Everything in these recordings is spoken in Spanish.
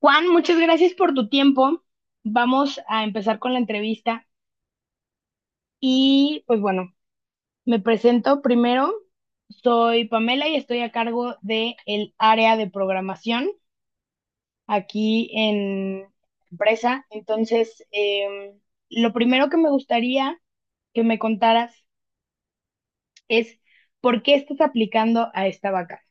Juan, muchas gracias por tu tiempo. Vamos a empezar con la entrevista y pues bueno, me presento primero. Soy Pamela y estoy a cargo de el área de programación aquí en empresa. Entonces, lo primero que me gustaría que me contaras es por qué estás aplicando a esta vaca.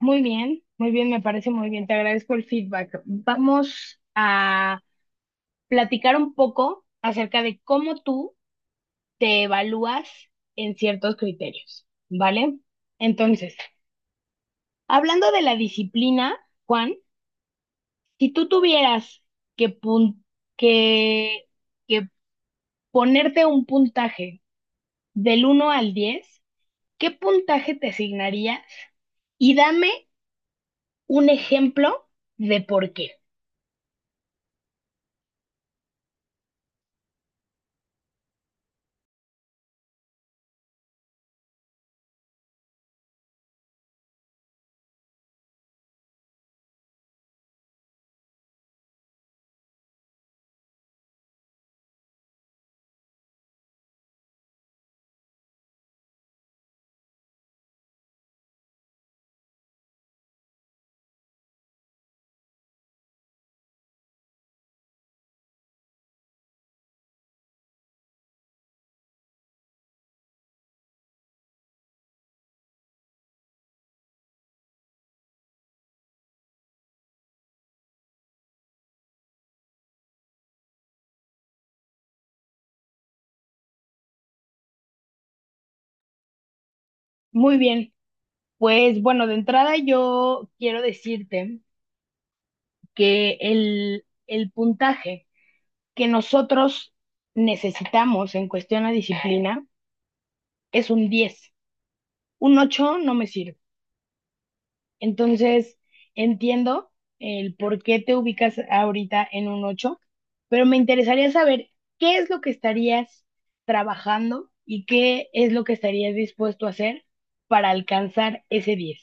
Muy bien, me parece muy bien. Te agradezco el feedback. Vamos a platicar un poco acerca de cómo tú te evalúas en ciertos criterios, ¿vale? Entonces, hablando de la disciplina, Juan, si tú tuvieras que, pun- que, que ponerte un puntaje del uno al 10, ¿qué puntaje te asignarías? Y dame un ejemplo de por qué. Muy bien, pues bueno, de entrada yo quiero decirte que el puntaje que nosotros necesitamos en cuestión a disciplina es un 10. Un 8 no me sirve. Entonces, entiendo el por qué te ubicas ahorita en un 8, pero me interesaría saber qué es lo que estarías trabajando y qué es lo que estarías dispuesto a hacer para alcanzar ese 10.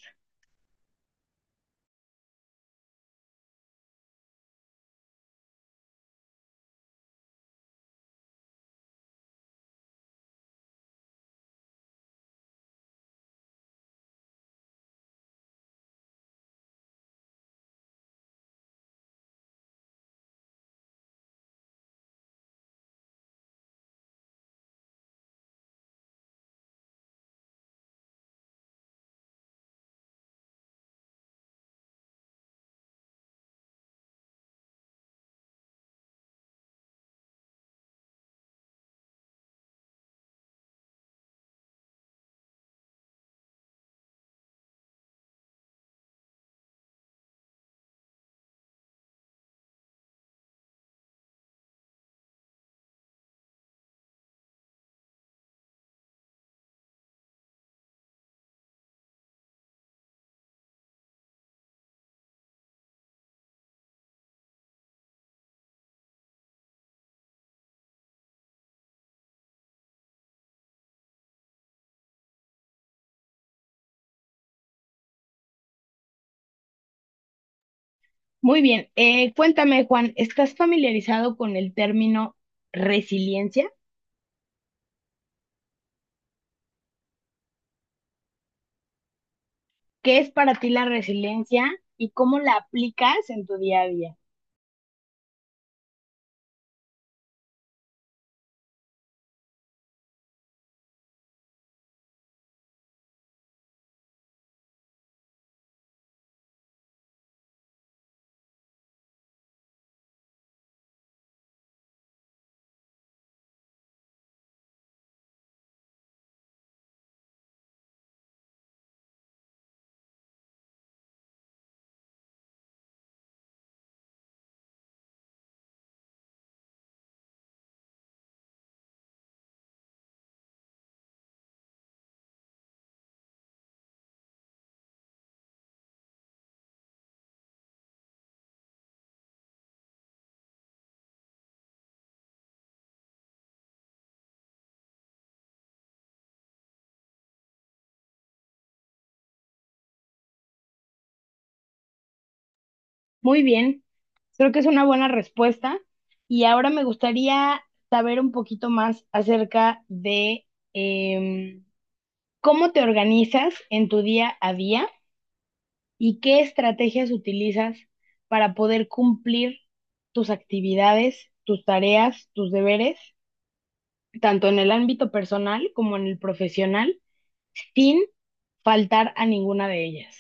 Muy bien, cuéntame Juan, ¿estás familiarizado con el término resiliencia? ¿Qué es para ti la resiliencia y cómo la aplicas en tu día a día? Muy bien, creo que es una buena respuesta. Y ahora me gustaría saber un poquito más acerca de em, cómo te organizas en tu día a día y qué estrategias utilizas para poder cumplir tus actividades, tus tareas, tus deberes, tanto en el ámbito personal como en el profesional, sin faltar a ninguna de ellas.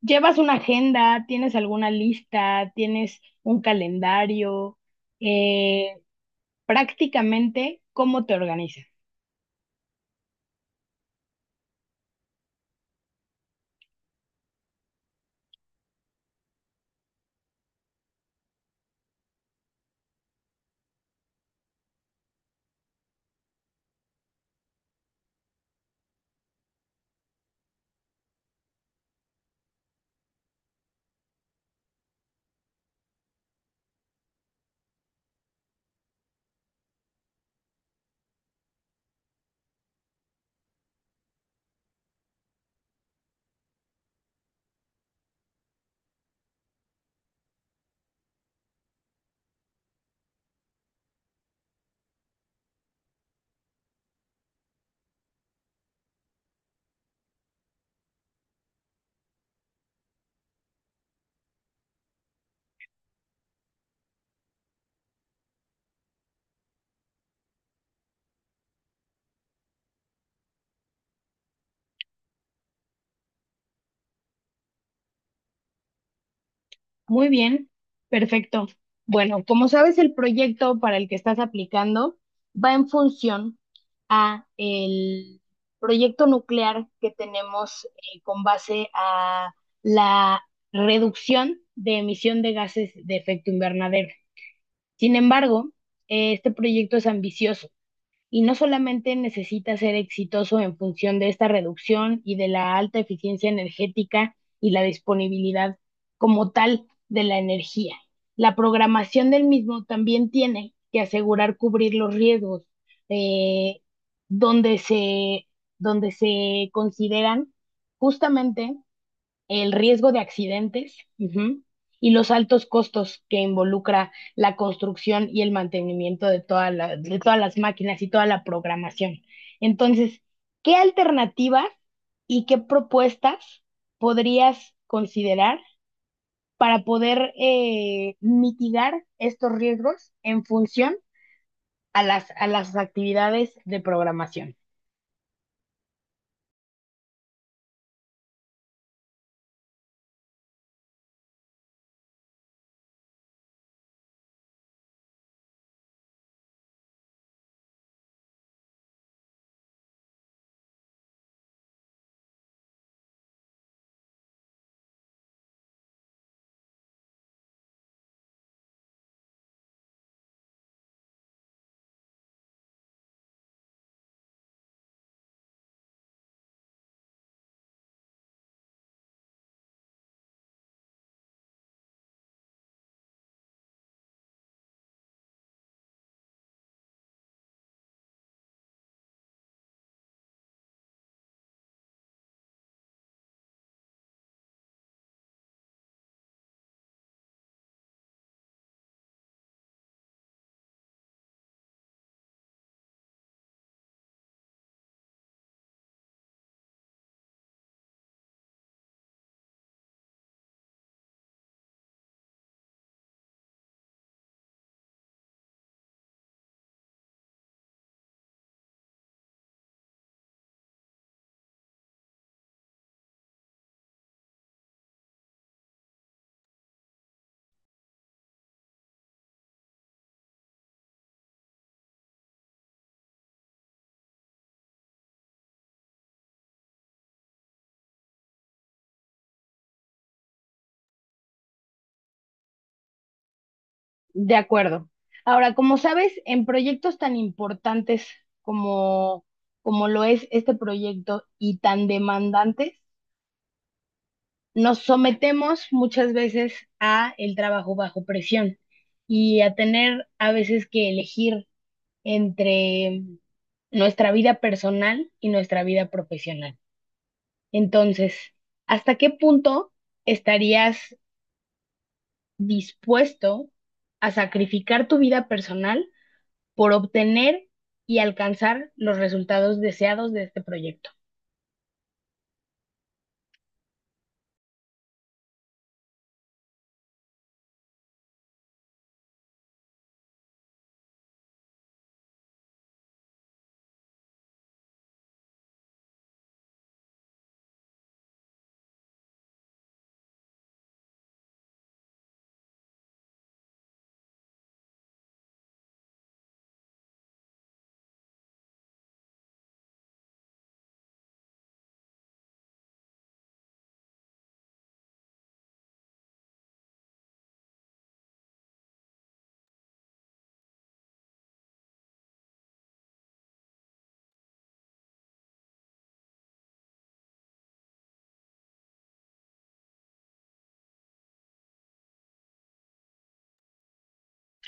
¿Llevas una agenda? ¿Tienes alguna lista? ¿Tienes un calendario? Eh, Prácticamente, ¿cómo te organizas? Muy bien, perfecto. Bueno, como sabes, el proyecto para el que estás aplicando va en función a el proyecto nuclear que tenemos, con base a la reducción de emisión de gases de efecto invernadero. Sin embargo, este proyecto es ambicioso y no solamente necesita ser exitoso en función de esta reducción y de la alta eficiencia energética y la disponibilidad como tal de la energía. La programación del mismo también tiene que asegurar cubrir los riesgos, eh, donde se consideran justamente el riesgo de accidentes, ujú, y los altos costos que involucra la construcción y el mantenimiento de toda de todas las máquinas y toda la programación. Entonces, ¿qué alternativas y qué propuestas podrías considerar para poder mitigar estos riesgos en función a las actividades de programación? De acuerdo. Ahora, como sabes, en proyectos tan importantes como, como lo es este proyecto y tan demandantes, nos sometemos muchas veces a el trabajo bajo presión y a tener a veces que elegir entre nuestra vida personal y nuestra vida profesional. Entonces, ¿hasta qué punto estarías dispuesto a sacrificar tu vida personal por obtener y alcanzar los resultados deseados de este proyecto?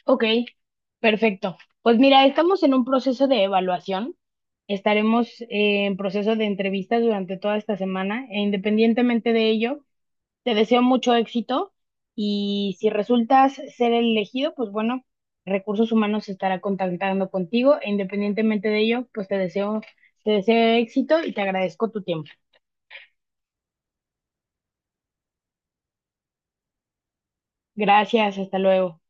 Ok, perfecto. Pues mira, estamos en un proceso de evaluación. Estaremos en proceso de entrevistas durante toda esta semana e independientemente de ello. Te deseo mucho éxito y si resultas ser el elegido, pues bueno, Recursos Humanos se estará contactando contigo e independientemente de ello, pues te deseo éxito y te agradezco tu tiempo. Gracias, hasta luego.